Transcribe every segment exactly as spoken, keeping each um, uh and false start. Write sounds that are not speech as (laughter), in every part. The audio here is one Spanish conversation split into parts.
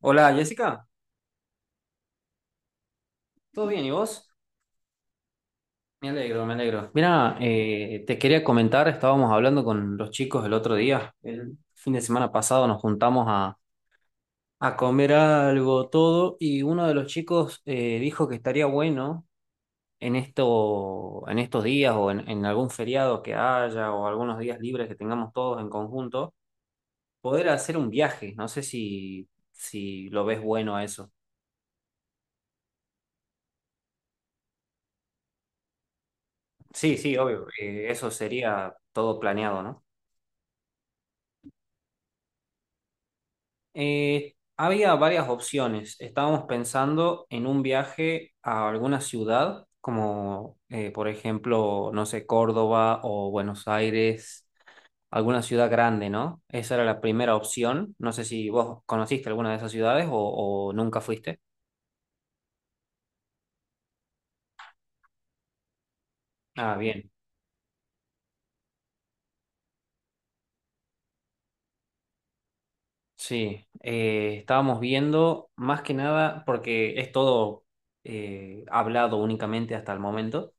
Hola Jessica, ¿todo bien? ¿Y vos? Me alegro, me alegro. Mira, eh, te quería comentar, estábamos hablando con los chicos el otro día, el fin de semana pasado nos juntamos a, a comer algo, todo, y uno de los chicos eh, dijo que estaría bueno en esto, en estos días o en, en algún feriado que haya o algunos días libres que tengamos todos en conjunto, poder hacer un viaje. No sé si, si lo ves bueno a eso. Sí, sí, obvio, eh, eso sería todo planeado, ¿no? Eh, había varias opciones. Estábamos pensando en un viaje a alguna ciudad, como eh, por ejemplo, no sé, Córdoba o Buenos Aires, alguna ciudad grande, ¿no? Esa era la primera opción. No sé si vos conociste alguna de esas ciudades o, o nunca fuiste. Ah, bien. Sí. Eh, estábamos viendo más que nada, porque es todo eh, hablado únicamente hasta el momento,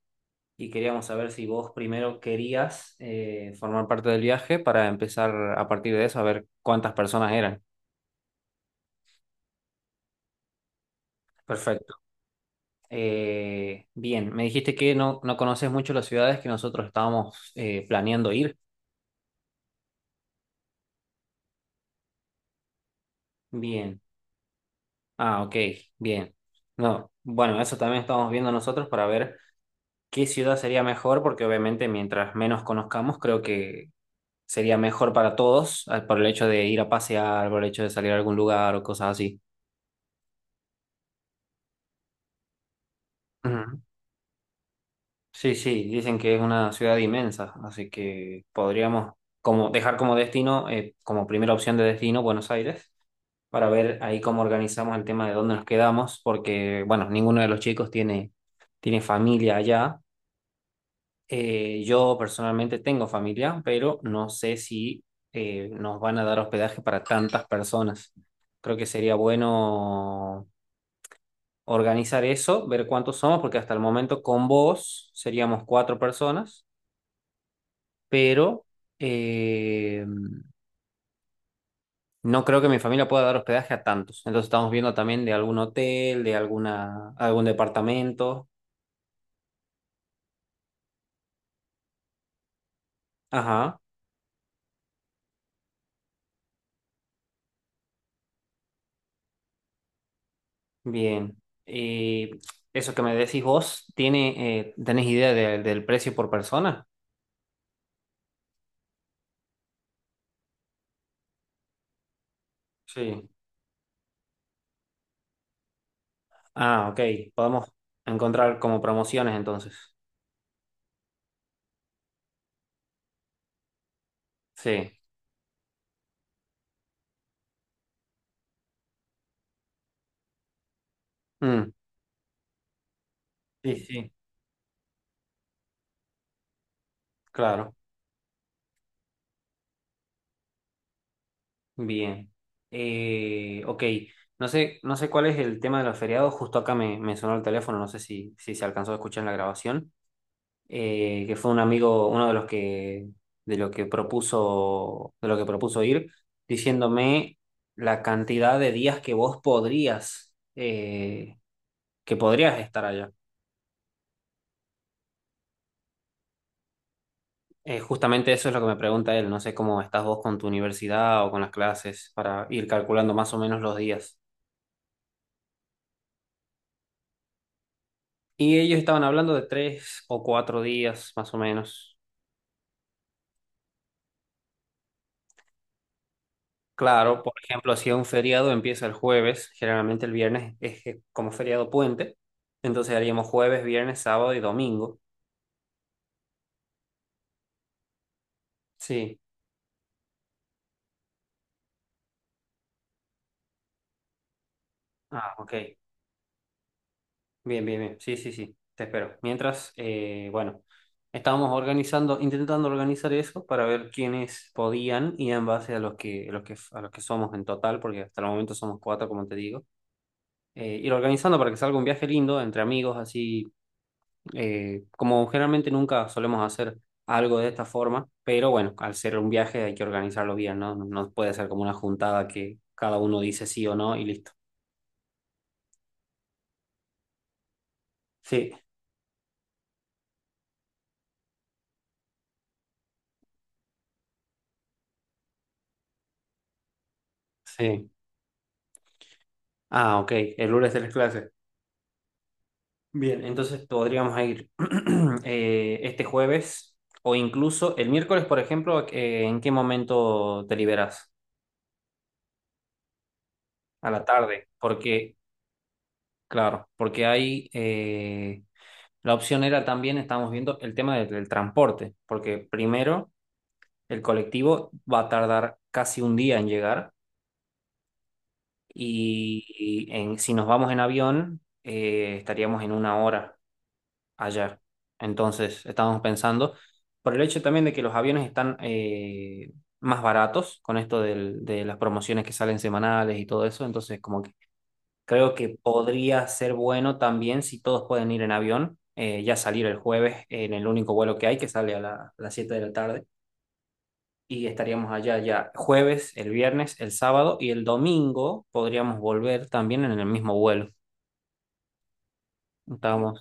y queríamos saber si vos primero querías eh, formar parte del viaje para empezar a partir de eso a ver cuántas personas eran. Perfecto. Eh, bien, me dijiste que no, no conoces mucho las ciudades que nosotros estábamos eh, planeando ir. Bien. Ah, ok, bien. No, bueno, eso también estamos viendo nosotros para ver qué ciudad sería mejor, porque obviamente mientras menos conozcamos, creo que sería mejor para todos, eh, por el hecho de ir a pasear, por el hecho de salir a algún lugar o cosas así. Ujú. Sí, sí, dicen que es una ciudad inmensa, así que podríamos como dejar como destino, eh, como primera opción de destino, Buenos Aires, para ver ahí cómo organizamos el tema de dónde nos quedamos, porque, bueno, ninguno de los chicos tiene, tiene familia allá. Eh, yo personalmente tengo familia, pero no sé si eh, nos van a dar hospedaje para tantas personas. Creo que sería bueno organizar eso, ver cuántos somos, porque hasta el momento con vos seríamos cuatro personas, pero eh, no creo que mi familia pueda dar hospedaje a tantos. Entonces estamos viendo también de algún hotel, de alguna, algún departamento. Ajá, bien. Y eso que me decís vos, ¿tiene, eh, ¿tenés idea de- del precio por persona? Sí. Ah, ok. Podemos encontrar como promociones entonces. Sí. Mm, sí, sí, claro. Bien. Eh, ok, no sé, no sé cuál es el tema de los feriados, justo acá me, me sonó el teléfono, no sé si, si se alcanzó a escuchar en la grabación, eh, que fue un amigo, uno de los que, de lo que propuso, de lo que propuso ir, diciéndome la cantidad de días que vos podrías, eh, que podrías estar allá. Eh, justamente eso es lo que me pregunta él, no sé cómo estás vos con tu universidad o con las clases para ir calculando más o menos los días. Y ellos estaban hablando de tres o cuatro días, más o menos. Claro, por ejemplo, si es un feriado empieza el jueves, generalmente el viernes es eh, como feriado puente, entonces haríamos jueves, viernes, sábado y domingo. Sí. Ah, ok. Bien, bien, bien. Sí, sí, sí. Te espero. Mientras, eh, bueno, estábamos organizando, intentando organizar eso para ver quiénes podían y en base a los que, los que, a los que somos en total, porque hasta el momento somos cuatro, como te digo, eh, ir organizando para que salga un viaje lindo entre amigos, así, eh, como generalmente nunca solemos hacer algo de esta forma, pero bueno, al ser un viaje hay que organizarlo bien, ¿no? No no puede ser como una juntada que cada uno dice sí o no y listo. Sí, sí. Ah, ok, el lunes tenés clases. Bien, entonces podríamos ir (clears throat) eh, este jueves o incluso el miércoles, por ejemplo, eh, ¿en qué momento te liberas? A la tarde, porque, claro, porque hay... eh, la opción era también, estábamos viendo, el tema del, del transporte, porque primero el colectivo va a tardar casi un día en llegar, y y en- si nos vamos en avión eh, estaríamos en una hora allá. Entonces estábamos pensando, por el hecho también de que los aviones están eh, más baratos con esto del- de las promociones que salen semanales y todo eso. Entonces como creo que podría ser bueno también si todos pueden ir en avión, eh, ya salir el jueves en el único vuelo que hay, que sale a, la- a las siete de la tarde, y estaríamos allá ya jueves, el viernes, el sábado y el domingo podríamos volver también en el mismo vuelo. Estábamos,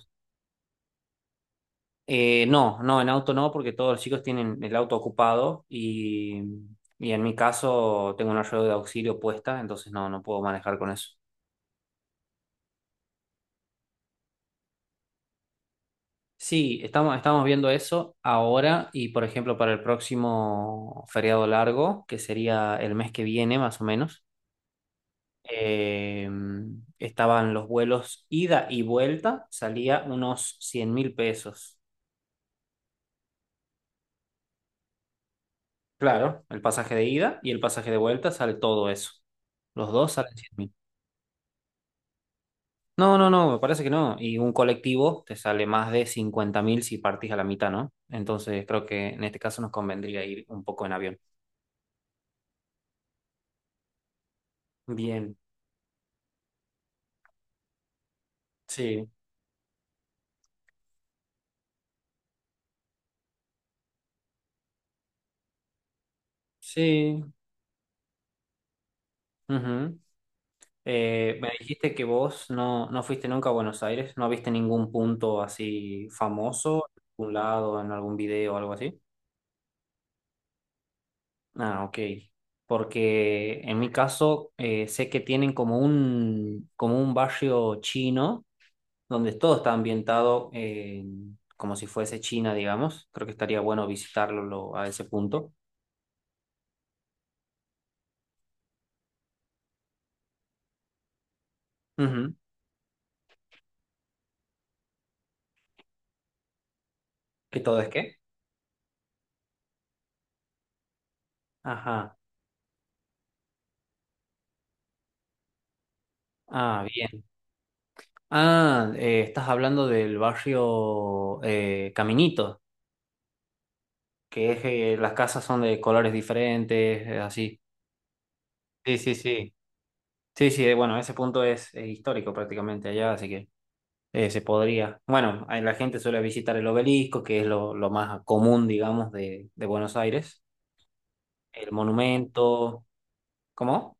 eh, no, no, en auto no, porque todos los chicos tienen el auto ocupado, y, y en mi caso tengo una rueda de auxilio puesta, entonces no, no puedo manejar con eso. Sí, estamos, estamos viendo eso ahora y, por ejemplo, para el próximo feriado largo, que sería el mes que viene más o menos, eh, estaban los vuelos ida y vuelta, salía unos cien mil pesos. Claro, el pasaje de ida y el pasaje de vuelta sale todo eso. Los dos salen cien mil. No, no, no, me parece que no. Y un colectivo te sale más de cincuenta mil si partís a la mitad, ¿no? Entonces creo que en este caso nos convendría ir un poco en avión. Bien. Sí, sí. Ujú. Eh, me dijiste que vos no, no fuiste nunca a Buenos Aires, no viste ningún punto así famoso, en algún lado, en algún video o algo así. Ah, ok. Porque en mi caso eh, sé que tienen como un, como un, barrio chino donde todo está ambientado, eh, como si fuese China, digamos. Creo que estaría bueno visitarlo lo- a ese punto. Ujú. ¿Que todo es qué? Ajá. Ah, bien. Ah, eh, estás hablando del barrio, eh, Caminito, que es eh, las casas son de colores diferentes, eh, así. Sí, sí, sí. Sí, sí, eh, bueno, ese punto es, es histórico prácticamente allá, así que eh, se podría. Bueno, ahí la gente suele visitar el obelisco, que es lo, lo más común, digamos, de, de Buenos Aires. El monumento. ¿Cómo?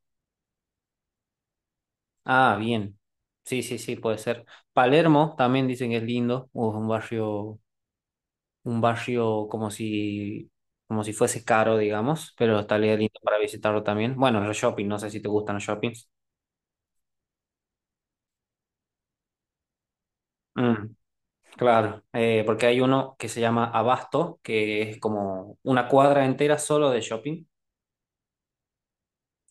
Ah, bien. Sí, sí, sí, puede ser. Palermo también dicen que es lindo, o es un barrio un barrio como si, como si fuese caro, digamos, pero estaría lindo para visitarlo también. Bueno, los shopping, no sé si te gustan los shoppings. Mm, claro, eh, porque hay uno que se llama Abasto, que es como una cuadra entera solo de shopping.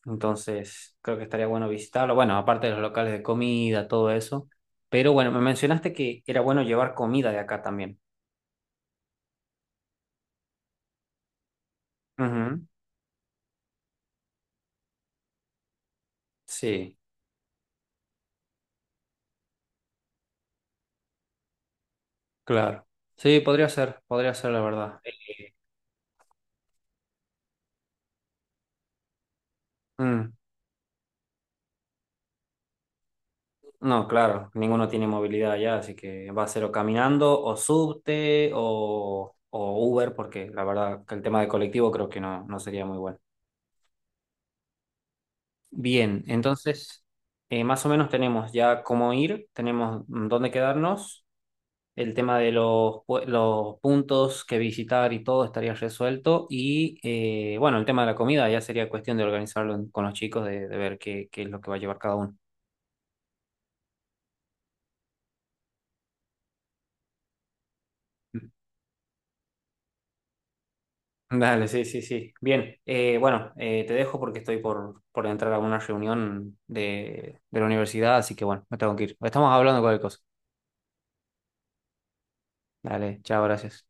Entonces, creo que estaría bueno visitarlo. Bueno, aparte de los locales de comida, todo eso. Pero bueno, me mencionaste que era bueno llevar comida de acá también. Ujú, sí, claro. Sí, podría ser, podría ser la verdad. Eh, mm. No, claro, ninguno tiene movilidad allá, así que va a ser o caminando, o subte, o, o Uber, porque la verdad que el tema de colectivo creo que no, no sería muy bueno. Bien, entonces, eh, más o menos tenemos ya cómo ir, tenemos dónde quedarnos, el tema de los, pue- los puntos que visitar y todo estaría resuelto, y eh, bueno, el tema de la comida ya sería cuestión de organizarlo, en- con los chicos, de, de ver qué, qué es lo que va a llevar cada uno. Dale, sí, sí, sí. Bien, eh, bueno, eh, te dejo porque estoy por, por entrar a una reunión de, de la universidad, así que bueno, me tengo que ir. Estamos hablando cualquier cosa. Dale, chao, gracias.